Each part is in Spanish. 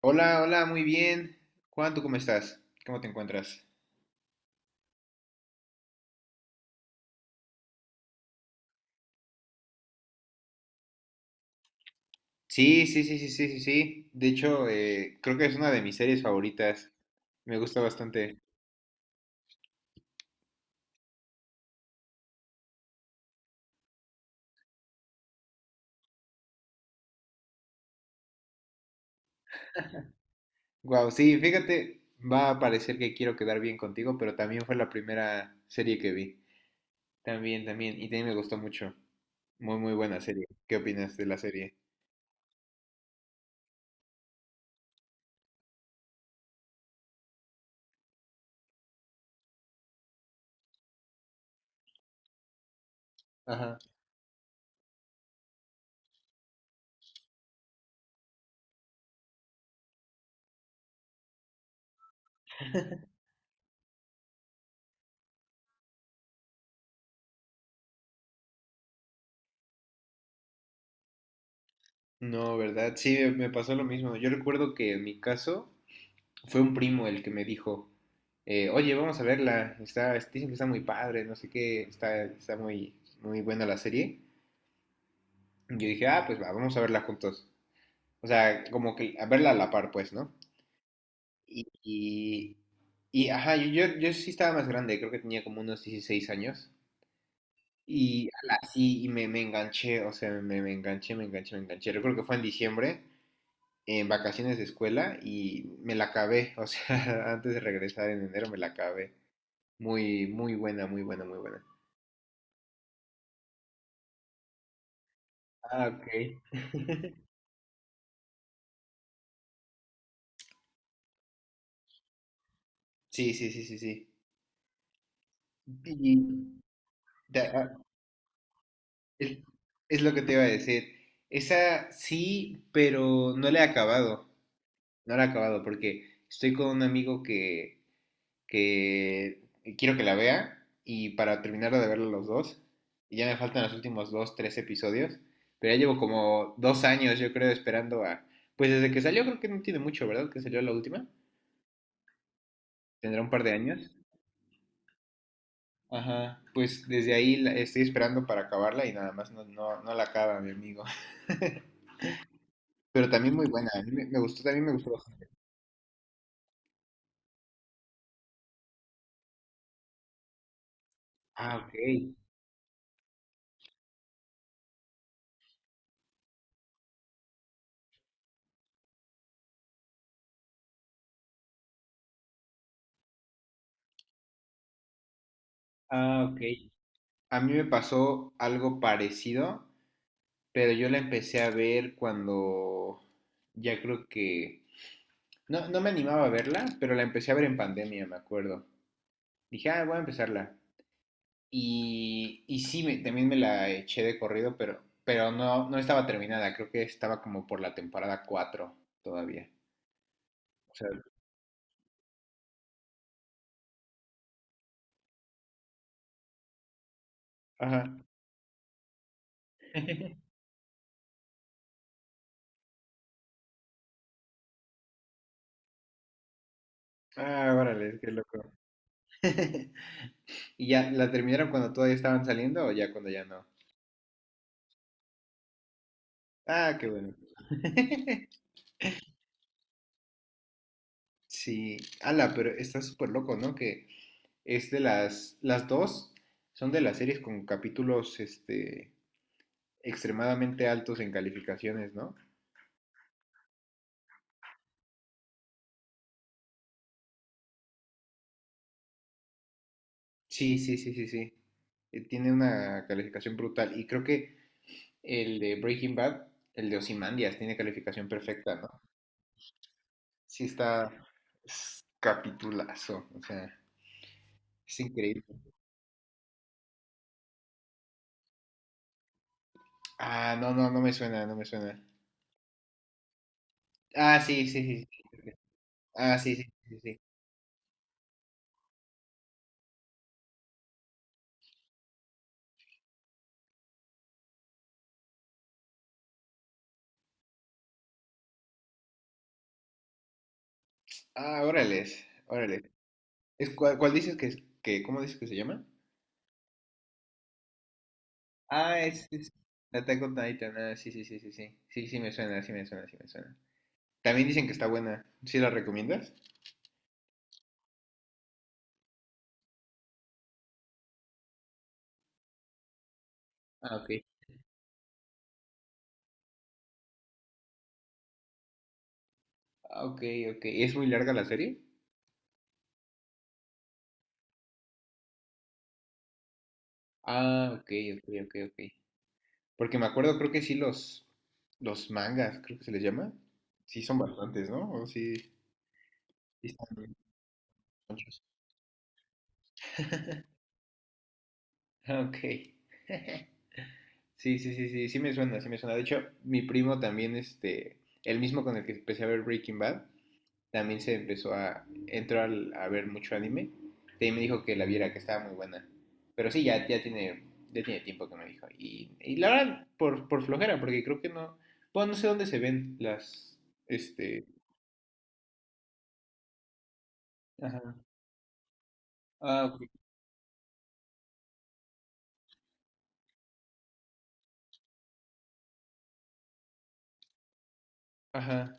Hola, hola, muy bien. Juan, ¿tú cómo estás? ¿Cómo te encuentras? Sí, sí, sí, sí, sí, sí, sí. De hecho, creo que es una de mis series favoritas. Me gusta bastante. Wow, sí, fíjate, va a parecer que quiero quedar bien contigo, pero también fue la primera serie que vi. También, también. Y también me gustó mucho. Muy, muy buena serie. ¿Qué opinas de la serie? Ajá. No, ¿verdad? Sí, me pasó lo mismo. Yo recuerdo que en mi caso, fue un primo el que me dijo, oye, vamos a verla, está, dicen que está muy padre, no sé qué, está muy, muy buena la serie. Y yo dije, ah, pues va, vamos a verla juntos. O sea, como que a verla a la par, pues, ¿no? Y, y, y, ajá, yo sí estaba más grande, creo que tenía como unos 16 años. Y así, y me enganché, o sea, me enganché, me enganché, me enganché. Recuerdo que fue en diciembre, en vacaciones de escuela, y me la acabé, o sea, antes de regresar en enero me la acabé. Muy, muy buena, muy buena, muy buena. Ah, ok. Sí, sí, sí, sí, sí. Y ah, es, es lo que te iba a decir. Esa sí, pero no la he acabado. No la he acabado porque estoy con un amigo que quiero que la vea y para terminar de verla los dos, y ya me faltan los últimos dos, tres episodios, pero ya llevo como 2 años, yo creo, esperando a... Pues desde que salió, creo que no tiene mucho, ¿verdad? Que salió la última. Tendrá un par de años. Ajá, pues desde ahí estoy esperando para acabarla y nada más no, no, no la acaba, mi amigo. Pero también muy buena, a mí me gustó, también me gustó bastante. Ah, ok. Ah, ok. A mí me pasó algo parecido, pero yo la empecé a ver cuando ya creo que... No, no me animaba a verla, pero la empecé a ver en pandemia, me acuerdo. Dije, ah, voy a empezarla. Y sí, también me la eché de corrido, pero no, no estaba terminada, creo que estaba como por la temporada 4 todavía. O sea, ajá. Ah, órale, qué loco. ¿Y ya la terminaron cuando todavía estaban saliendo o ya cuando ya no? Ah, qué bueno. Sí, ala, pero está súper loco, ¿no? Que es de las dos son de las series con capítulos, este, extremadamente altos en calificaciones, ¿no? Sí, sí, sí, sí, sí. Tiene una calificación brutal y creo que el de Breaking Bad, el de Ozymandias, tiene calificación perfecta, ¿no? Sí está es capitulazo, o sea, es increíble. Ah, no, no, no me suena, no me suena. Ah, sí, sí, sí. Sí. Ah, sí, sí, sí, sí. Ah, órales, órales. ¿Cuál, cuál dices que, cómo dices que se llama? Ah, es Attack on Titan, ah, sí, sí, sí, sí, sí. Sí, sí me suena, sí me suena, sí me suena. También dicen que está buena. ¿Sí la recomiendas? Ah, ok. Ah, ok, ok. ¿Es muy larga la serie? Ah, ok, ok, ok, ok, Porque me acuerdo, creo que sí, los mangas, creo que se les llama. Sí, son bastantes, ¿no? O sí, sí están bien chonchos. Ah, ok. Sí, sí, sí, sí, sí me suena, sí me suena. De hecho, mi primo también, este, el mismo con el que empecé a ver Breaking Bad, también se empezó a ver mucho anime. Y me dijo que la viera, que estaba muy buena. Pero sí, ya tiene tiempo que me dijo. Y la verdad, por flojera, porque creo que no, bueno, no sé dónde se ven las, este, Ajá. Ah, ajá.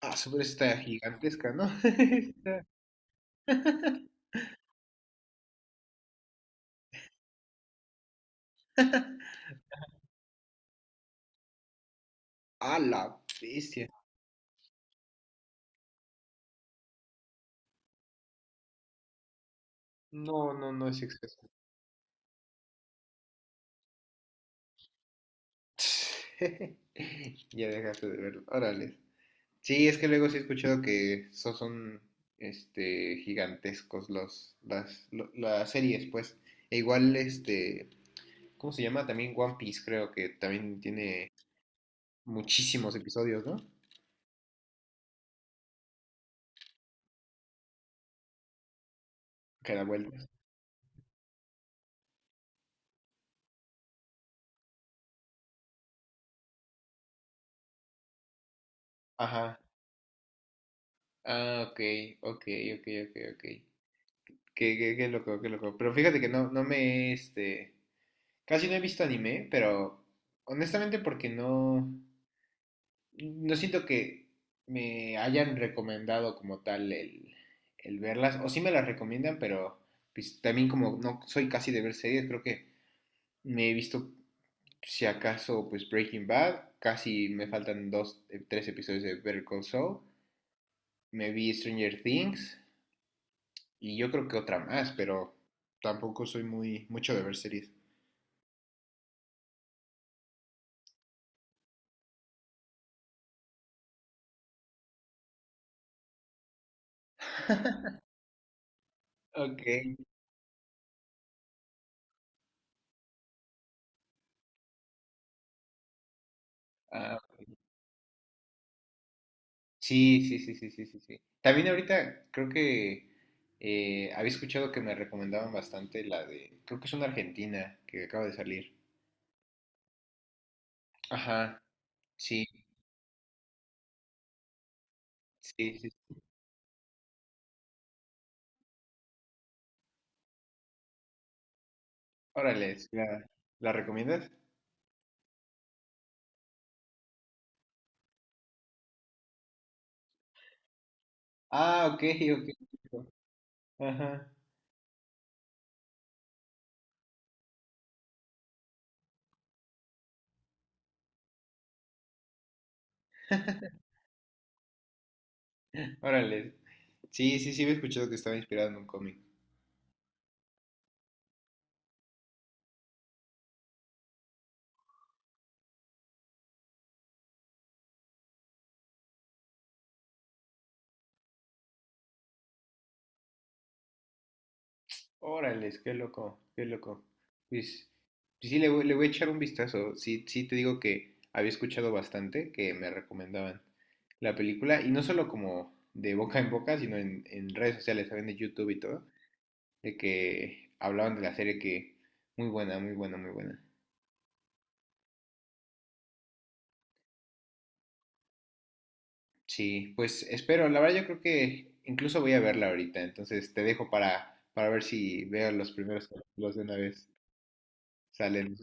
Ah, super está gigantesca, ¿no? Está- A la bestia. No, no, no es exceso. Ya dejaste de verlo. Órale. Sí, es que luego sí he escuchado que son este gigantescos las series, pues. E igual este, ¿cómo se llama? También One Piece, creo que también tiene muchísimos episodios, ¿no? Cada vuelta. Ajá. Ah, ok, ok, ok, ok, ok. Qué loco, qué loco. Pero fíjate que no, este, casi no he visto anime, pero honestamente porque no, no siento que me hayan recomendado como tal el verlas, o sí me las recomiendan, pero pues también como no soy casi de ver series, creo que me he visto, si acaso, pues Breaking Bad, casi me faltan dos, tres episodios de Better Call Saul, me vi Stranger Things, y yo creo que otra más, pero tampoco soy muy, mucho de ver series. Ok. Ah, ok. Sí, sí, sí, sí, sí, sí, sí. También ahorita creo que había escuchado que me recomendaban bastante la de, creo que es una argentina que acaba de salir. Ajá, sí, sí, sí. Órale, sí, ¿la recomiendas? Ah, ok, ok. Ajá, órale. Sí, sí, sí, había escuchado que estaba inspirado en un cómic. Órales, qué loco, qué loco. Pues, pues sí, le voy a echar un vistazo. Sí, sí, te digo que había escuchado bastante que me recomendaban la película, y no solo como de boca en boca, sino en redes sociales, saben, de YouTube y todo, de que hablaban de la serie que muy buena, muy buena, muy buena. Sí, pues espero, la verdad yo creo que incluso voy a verla ahorita, entonces te dejo para ver si veo los primeros capítulos de una vez. Salen.